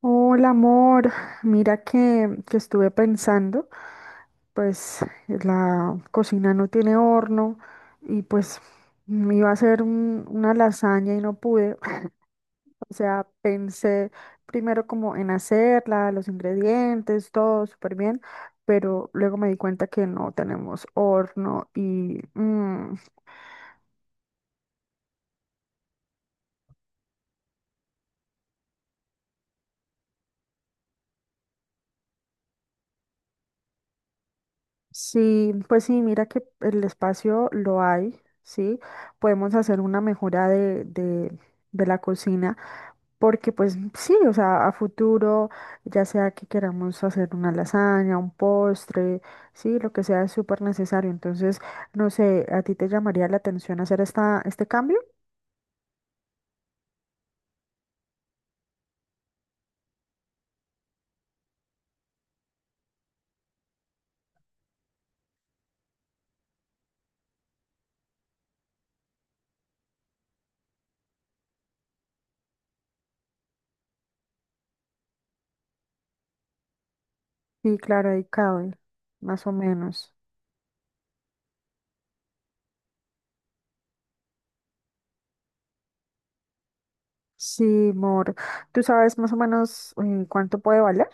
Hola amor, mira que estuve pensando, pues la cocina no tiene horno y pues me iba a hacer una lasaña y no pude. O sea, pensé primero como en hacerla, los ingredientes, todo súper bien, pero luego me di cuenta que no tenemos horno y sí, pues sí, mira que el espacio lo hay, ¿sí? Podemos hacer una mejora de la cocina, porque pues sí, o sea, a futuro, ya sea que queramos hacer una lasaña, un postre, sí, lo que sea es súper necesario. Entonces, no sé, ¿a ti te llamaría la atención hacer este cambio? Sí, claro, ahí cabe, más o menos. Sí, amor, ¿tú sabes más o menos cuánto puede valer?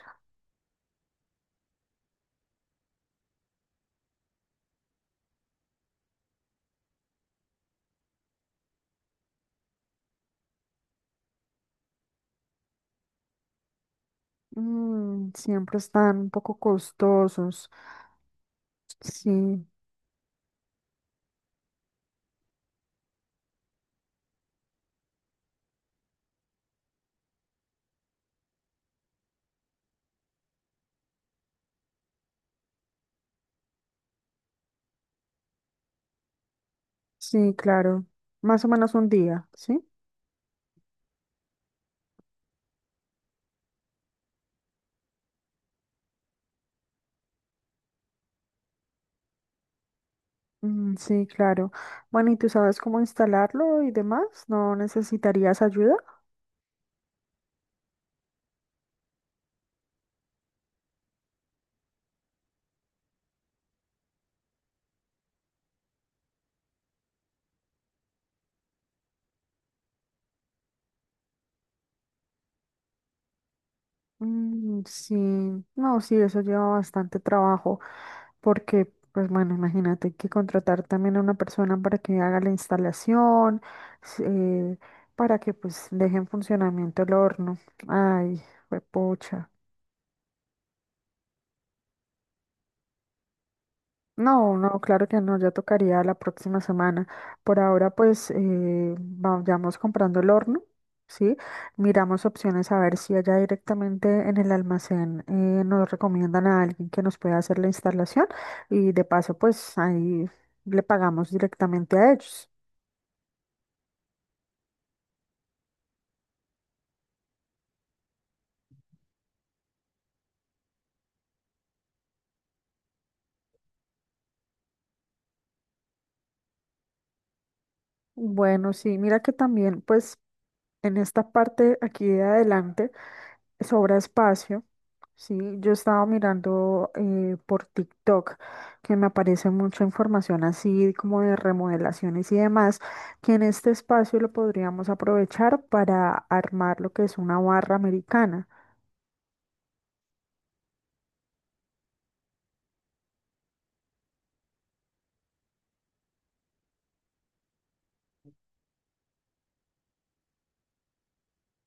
Mm, siempre están un poco costosos. Sí, sí, claro. Más o menos un día, ¿sí? Mm, sí, claro. Bueno, ¿y tú sabes cómo instalarlo y demás? ¿No necesitarías ayuda? Mm, sí, no, sí, eso lleva bastante trabajo porque, pues bueno, imagínate, hay que contratar también a una persona para que haga la instalación, s- eh, para que pues deje en funcionamiento el horno. Ay, fue. No, no, claro que no, ya tocaría la próxima semana. Por ahora, pues vayamos comprando el horno, ¿sí? Miramos opciones a ver si allá directamente en el almacén nos recomiendan a alguien que nos pueda hacer la instalación y de paso, pues ahí le pagamos directamente a ellos. Bueno, sí, mira que también, pues en esta parte aquí de adelante sobra espacio. Sí, yo estaba mirando por TikTok que me aparece mucha información así como de remodelaciones y demás, que en este espacio lo podríamos aprovechar para armar lo que es una barra americana.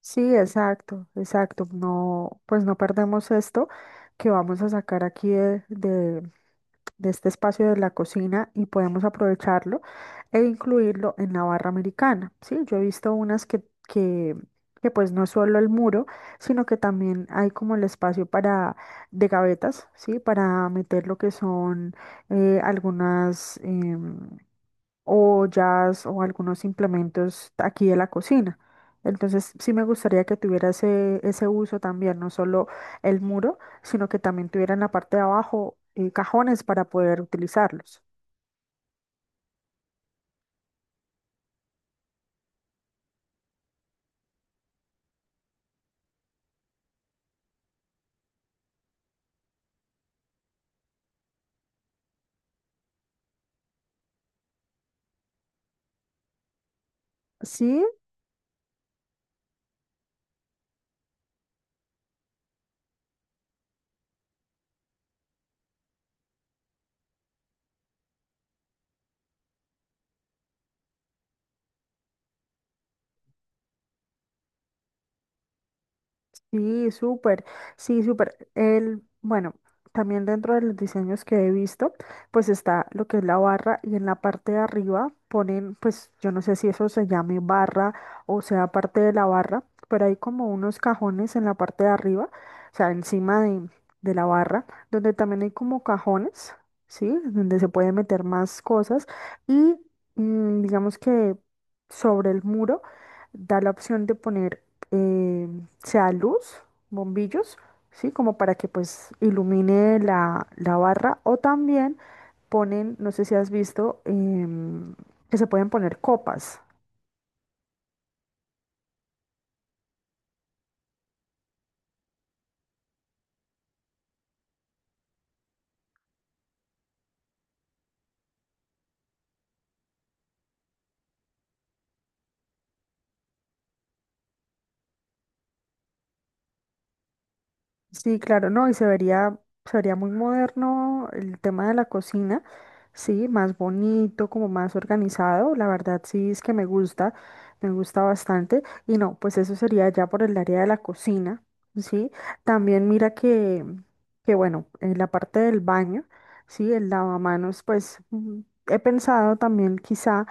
Sí, exacto, exacto. No, pues no perdemos esto que vamos a sacar aquí de este espacio de la cocina y podemos aprovecharlo e incluirlo en la barra americana. Sí, yo he visto unas que pues no es solo el muro, sino que también hay como el espacio para de gavetas, sí, para meter lo que son algunas o jazz o algunos implementos aquí de la cocina. Entonces, sí me gustaría que tuviera ese uso también, no solo el muro, sino que también tuviera en la parte de abajo cajones para poder utilizarlos. Sí, sí, súper, sí, súper. El, bueno, también dentro de los diseños que he visto, pues está lo que es la barra y en la parte de arriba ponen, pues yo no sé si eso se llame barra o sea parte de la barra, pero hay como unos cajones en la parte de arriba, o sea, de la barra, donde también hay como cajones, ¿sí? Donde se puede meter más cosas y digamos que sobre el muro da la opción de poner eh, sea luz, bombillos, ¿sí? Como para que pues ilumine la barra o también ponen, no sé si has visto, que se pueden poner copas. Sí, claro, no, y se vería muy moderno el tema de la cocina, sí, más bonito, como más organizado, la verdad sí es que me gusta bastante, y no, pues eso sería ya por el área de la cocina, sí, también mira que bueno, en la parte del baño, sí, el lavamanos, pues he pensado también quizá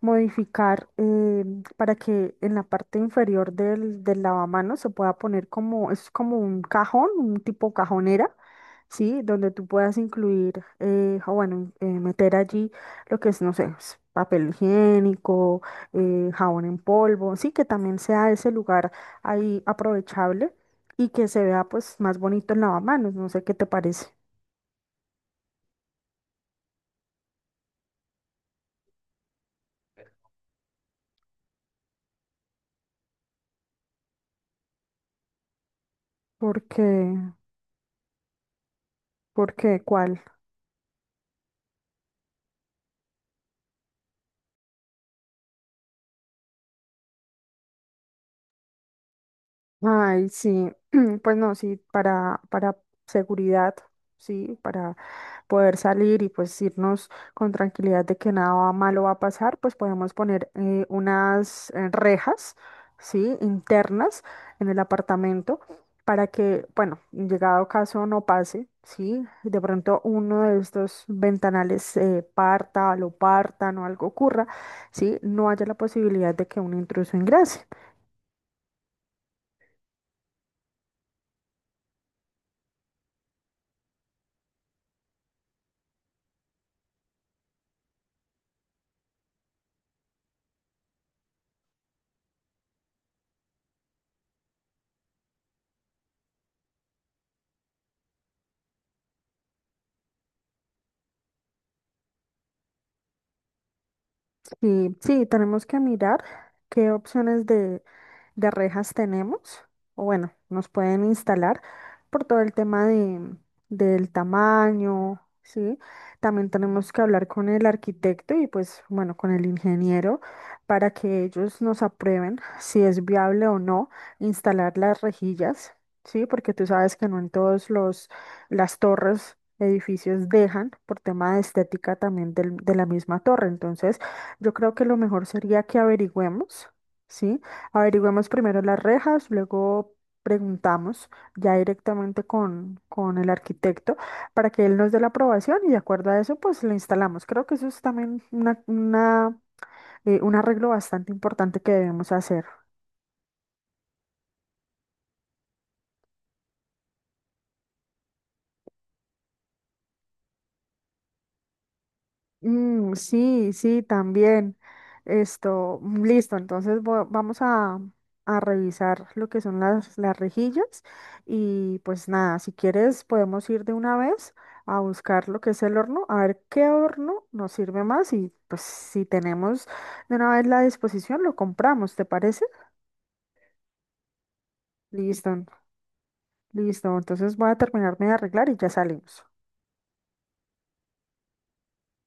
modificar para que en la parte inferior del lavamanos se pueda poner como, es como un cajón, un tipo cajonera, ¿sí? Donde tú puedas incluir, meter allí lo que es, no sé, es papel higiénico, jabón en polvo, sí, que también sea ese lugar ahí aprovechable y que se vea pues más bonito el lavamanos, no sé qué te parece. porque porque ¿Cuál? Ay, sí, pues no, sí, para seguridad, sí, para poder salir y pues irnos con tranquilidad de que nada malo va a pasar, pues podemos poner unas rejas, sí, internas en el apartamento para que, bueno, en llegado caso no pase, sí, de pronto uno de estos ventanales parta, lo partan o algo ocurra, sí, no haya la posibilidad de que un intruso ingrese. Sí, sí, tenemos que mirar qué opciones de rejas tenemos, o bueno, nos pueden instalar por todo el tema del tamaño, ¿sí? También tenemos que hablar con el arquitecto y pues bueno, con el ingeniero para que ellos nos aprueben si es viable o no instalar las rejillas, ¿sí? Porque tú sabes que no en todos los las torres, edificios dejan por tema de estética también de la misma torre, entonces yo creo que lo mejor sería que averigüemos, ¿sí? Averigüemos primero las rejas, luego preguntamos ya directamente con el arquitecto para que él nos dé la aprobación y de acuerdo a eso, pues le instalamos. Creo que eso es también un arreglo bastante importante que debemos hacer. Mm, sí, sí, también. Esto, mm, listo. Entonces vamos a revisar lo que son las rejillas y pues nada, si quieres podemos ir de una vez a buscar lo que es el horno, a ver qué horno nos sirve más y pues si tenemos de una vez la disposición lo compramos, ¿te parece? Listo, listo. Entonces voy a terminarme de arreglar y ya salimos.